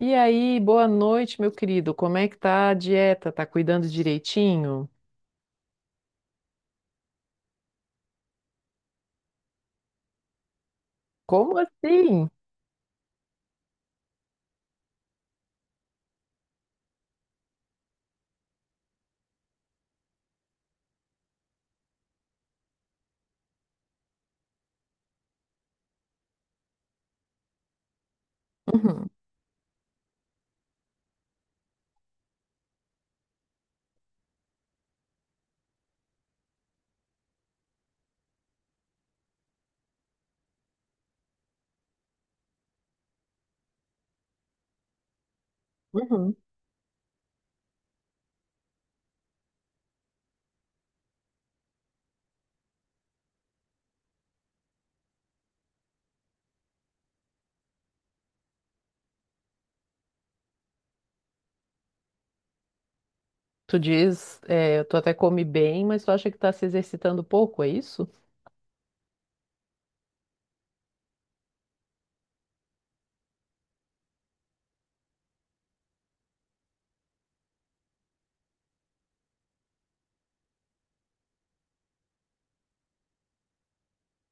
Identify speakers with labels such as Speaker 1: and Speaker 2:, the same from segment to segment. Speaker 1: E aí, boa noite, meu querido. Como é que tá a dieta? Tá cuidando direitinho? Como assim? Uhum, uhum. Tu diz, tu até come bem, mas tu acha que tá se exercitando pouco, é isso?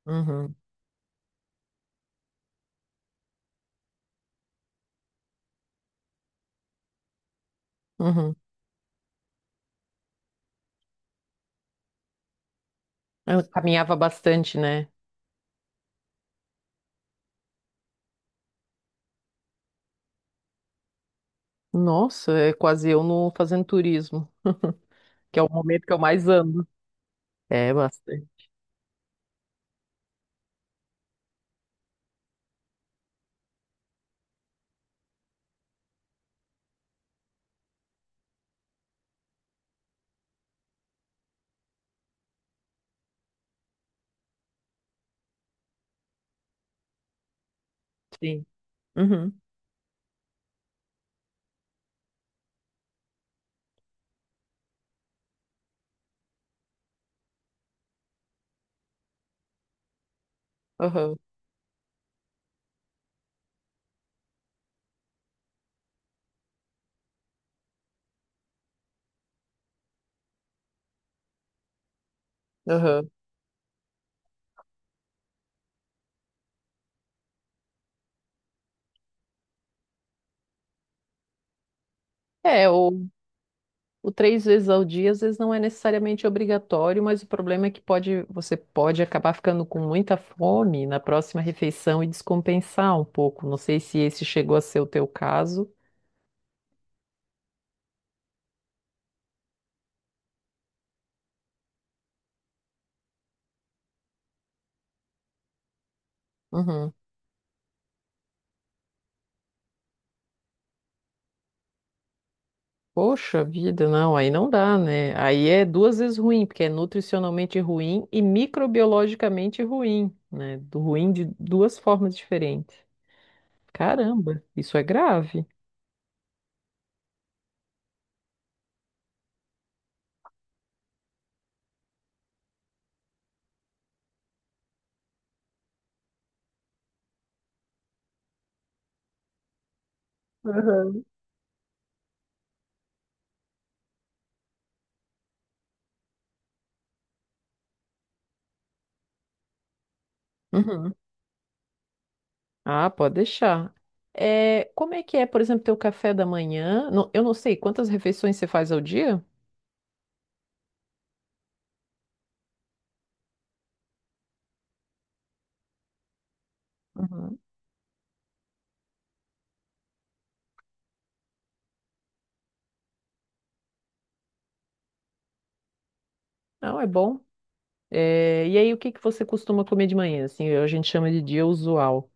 Speaker 1: Uhum, uhum. Eu caminhava bastante, né? Nossa, é quase eu no fazendo turismo, que é o momento que eu mais ando. É, bastante. Sim. Uhum, uhum, uhum. É, o, O três vezes ao dia, às vezes, não é necessariamente obrigatório, mas o problema é que você pode acabar ficando com muita fome na próxima refeição e descompensar um pouco. Não sei se esse chegou a ser o teu caso. Uhum. Poxa vida, não, aí não dá, né? Aí é duas vezes ruim, porque é nutricionalmente ruim e microbiologicamente ruim, né? Do ruim de duas formas diferentes. Caramba, isso é grave. Aham. Uhum. Ah, pode deixar. É, como é que é, por exemplo, teu café da manhã? Eu não sei, quantas refeições você faz ao dia? Uhum. Não, é bom. É, e aí, o que que você costuma comer de manhã? Assim, a gente chama de dia usual.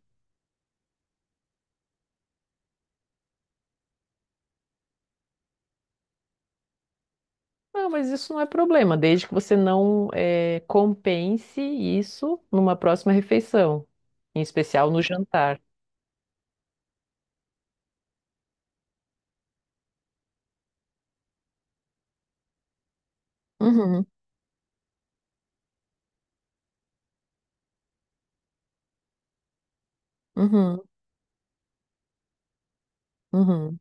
Speaker 1: Ah, mas isso não é problema, desde que você não é, compense isso numa próxima refeição, em especial no jantar. Uhum, uhum, uhum,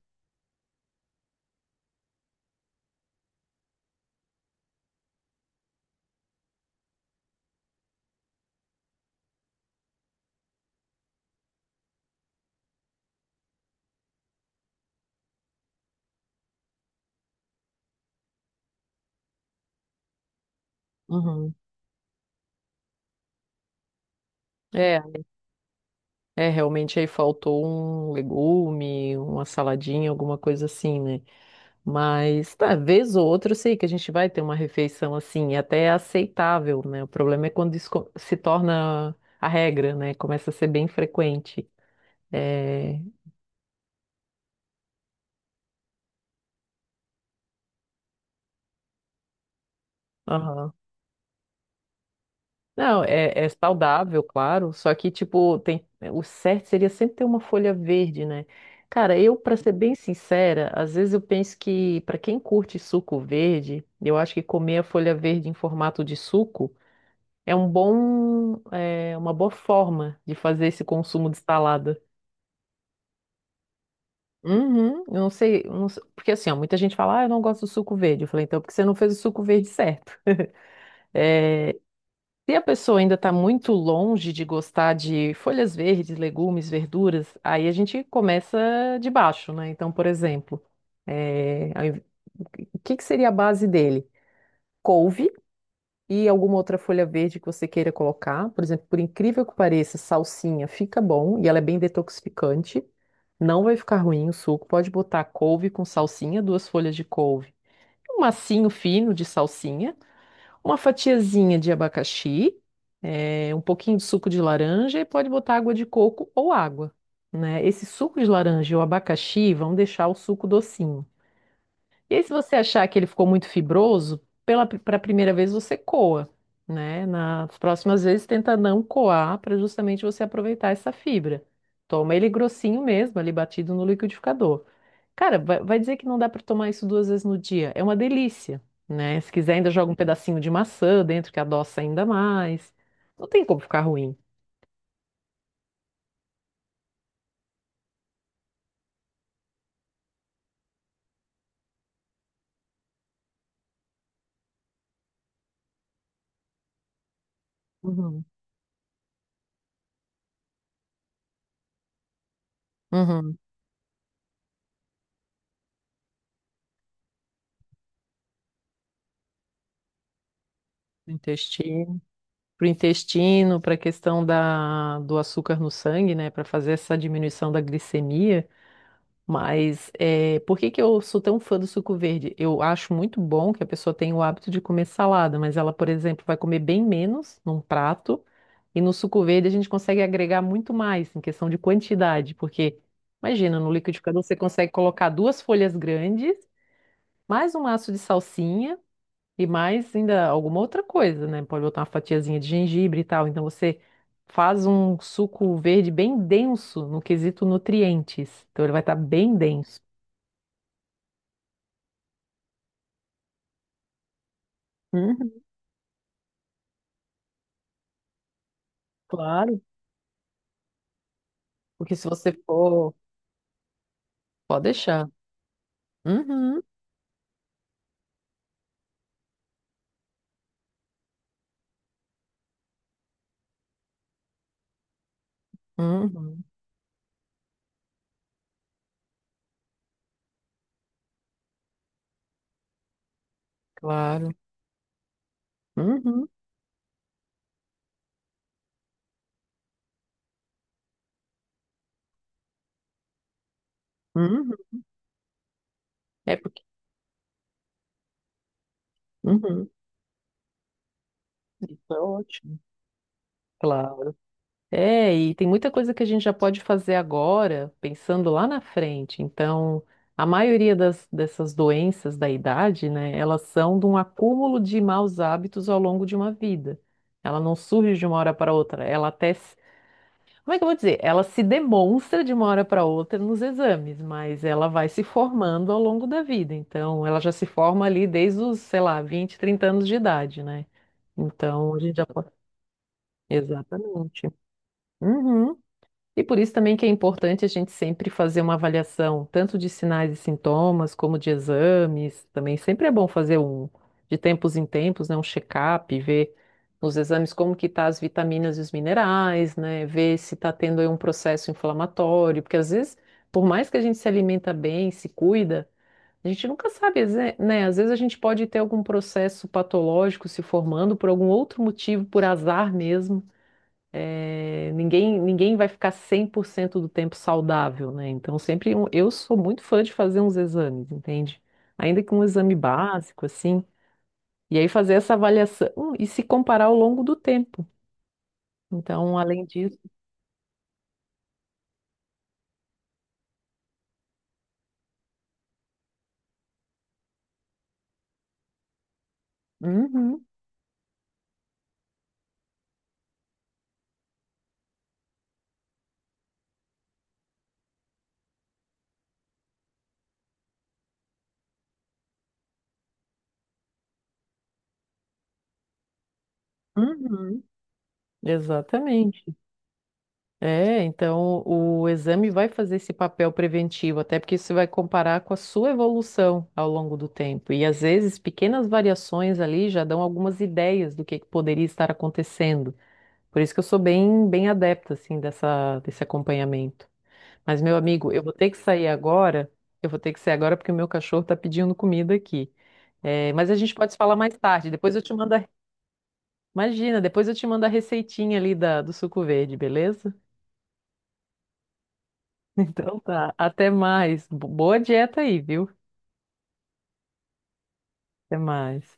Speaker 1: uhum. É, é, realmente aí faltou um legume, uma saladinha, alguma coisa assim, né? Mas, tá, vez ou outra, eu sei que a gente vai ter uma refeição assim, até é aceitável, né? O problema é quando se torna a regra, né? Começa a ser bem frequente. É... aham. Não, é saudável, claro, só que, tipo, tem... o certo seria sempre ter uma folha verde, né? Cara, eu, pra ser bem sincera, às vezes eu penso que, pra quem curte suco verde, eu acho que comer a folha verde em formato de suco. É uma boa forma de fazer esse consumo de salada. Uhum, eu não sei- porque assim, ó, muita gente fala, ah, eu não gosto do suco verde. Eu falei, então, é porque você não fez o suco verde certo. Se a pessoa ainda está muito longe de gostar de folhas verdes, legumes, verduras, aí a gente começa de baixo, né? Então, por exemplo, é, ao inv- o que que seria a base dele? Couve. E alguma outra folha verde que você queira colocar. Por exemplo, por incrível que pareça, salsinha fica bom e ela é bem detoxificante. Não vai ficar ruim o suco. Pode botar couve com salsinha, duas folhas de couve, um massinho fino de salsinha, uma fatiazinha de abacaxi, um pouquinho de suco de laranja e pode botar água de coco ou água, né? Esse suco de laranja e o abacaxi vão deixar o suco docinho. E aí, se você achar que ele ficou muito fibroso, pela para a primeira vez você coa, né? Nas próximas vezes tenta não coar para justamente você aproveitar essa fibra. Toma ele grossinho mesmo, ali batido no liquidificador. Cara, vai dizer que não dá para tomar isso duas vezes no dia. É uma delícia, né? Se quiser, ainda joga um pedacinho de maçã dentro que adoça ainda mais. Não tem como ficar ruim. Uhum. Uhum. Intestino. Para o intestino, para a questão do açúcar no sangue, né, para fazer essa diminuição da glicemia. Mas é, por que que eu sou tão fã do suco verde? Eu acho muito bom que a pessoa tenha o hábito de comer salada, mas ela, por exemplo, vai comer bem menos num prato, e no suco verde a gente consegue agregar muito mais em questão de quantidade, porque imagina, no liquidificador você consegue colocar duas folhas grandes, mais um maço de salsinha. E mais ainda alguma outra coisa, né? Pode botar uma fatiazinha de gengibre e tal. Então você faz um suco verde bem denso no quesito nutrientes. Então ele vai estar bem denso. Uhum, claro. Porque se você for. Pode deixar. Uhum, uhum, claro. Uhum, uhum. É, por- uhum. Isso é ótimo. Claro. É, e tem muita coisa que a gente já pode fazer agora, pensando lá na frente. Então, a maioria dessas doenças da idade, né, elas são de um acúmulo de maus hábitos ao longo de uma vida. Ela não surge de uma hora para outra. Ela até, se- como é que eu vou dizer? Ela se demonstra de uma hora para outra nos exames, mas ela vai se formando ao longo da vida. Então, ela já se forma ali desde os, sei lá, 20, 30 anos de idade, né? Então, a gente já pode. Exatamente. Uhum. E por isso também que é importante a gente sempre fazer uma avaliação, tanto de sinais e sintomas, como de exames. Também sempre é bom fazer de tempos em tempos, né, um check-up, ver nos exames como que tá as vitaminas e os minerais, né, ver se está tendo aí um processo inflamatório, porque às vezes, por mais que a gente se alimenta bem, se cuida, a gente nunca sabe, né, às vezes a gente pode ter algum processo patológico se formando por algum outro motivo, por azar mesmo. É, ninguém vai ficar 100% do tempo saudável, né? Então, eu sou muito fã de fazer uns exames, entende? Ainda que um exame básico, assim, e aí fazer essa avaliação e se comparar ao longo do tempo. Então, além disso, uhum, uhum, exatamente. É, então o exame vai fazer esse papel preventivo, até porque você vai comparar com a sua evolução ao longo do tempo. E às vezes pequenas variações ali já dão algumas ideias do que poderia estar acontecendo. Por isso que eu sou bem adepta assim dessa desse acompanhamento. Mas meu amigo, eu vou ter que sair agora. Eu vou ter que sair agora porque o meu cachorro está pedindo comida aqui. É, mas a gente pode se falar mais tarde. Depois eu te mando a... Imagina, depois eu te mando a receitinha ali do suco verde, beleza? Então tá. Até mais. Boa dieta aí, viu? Até mais.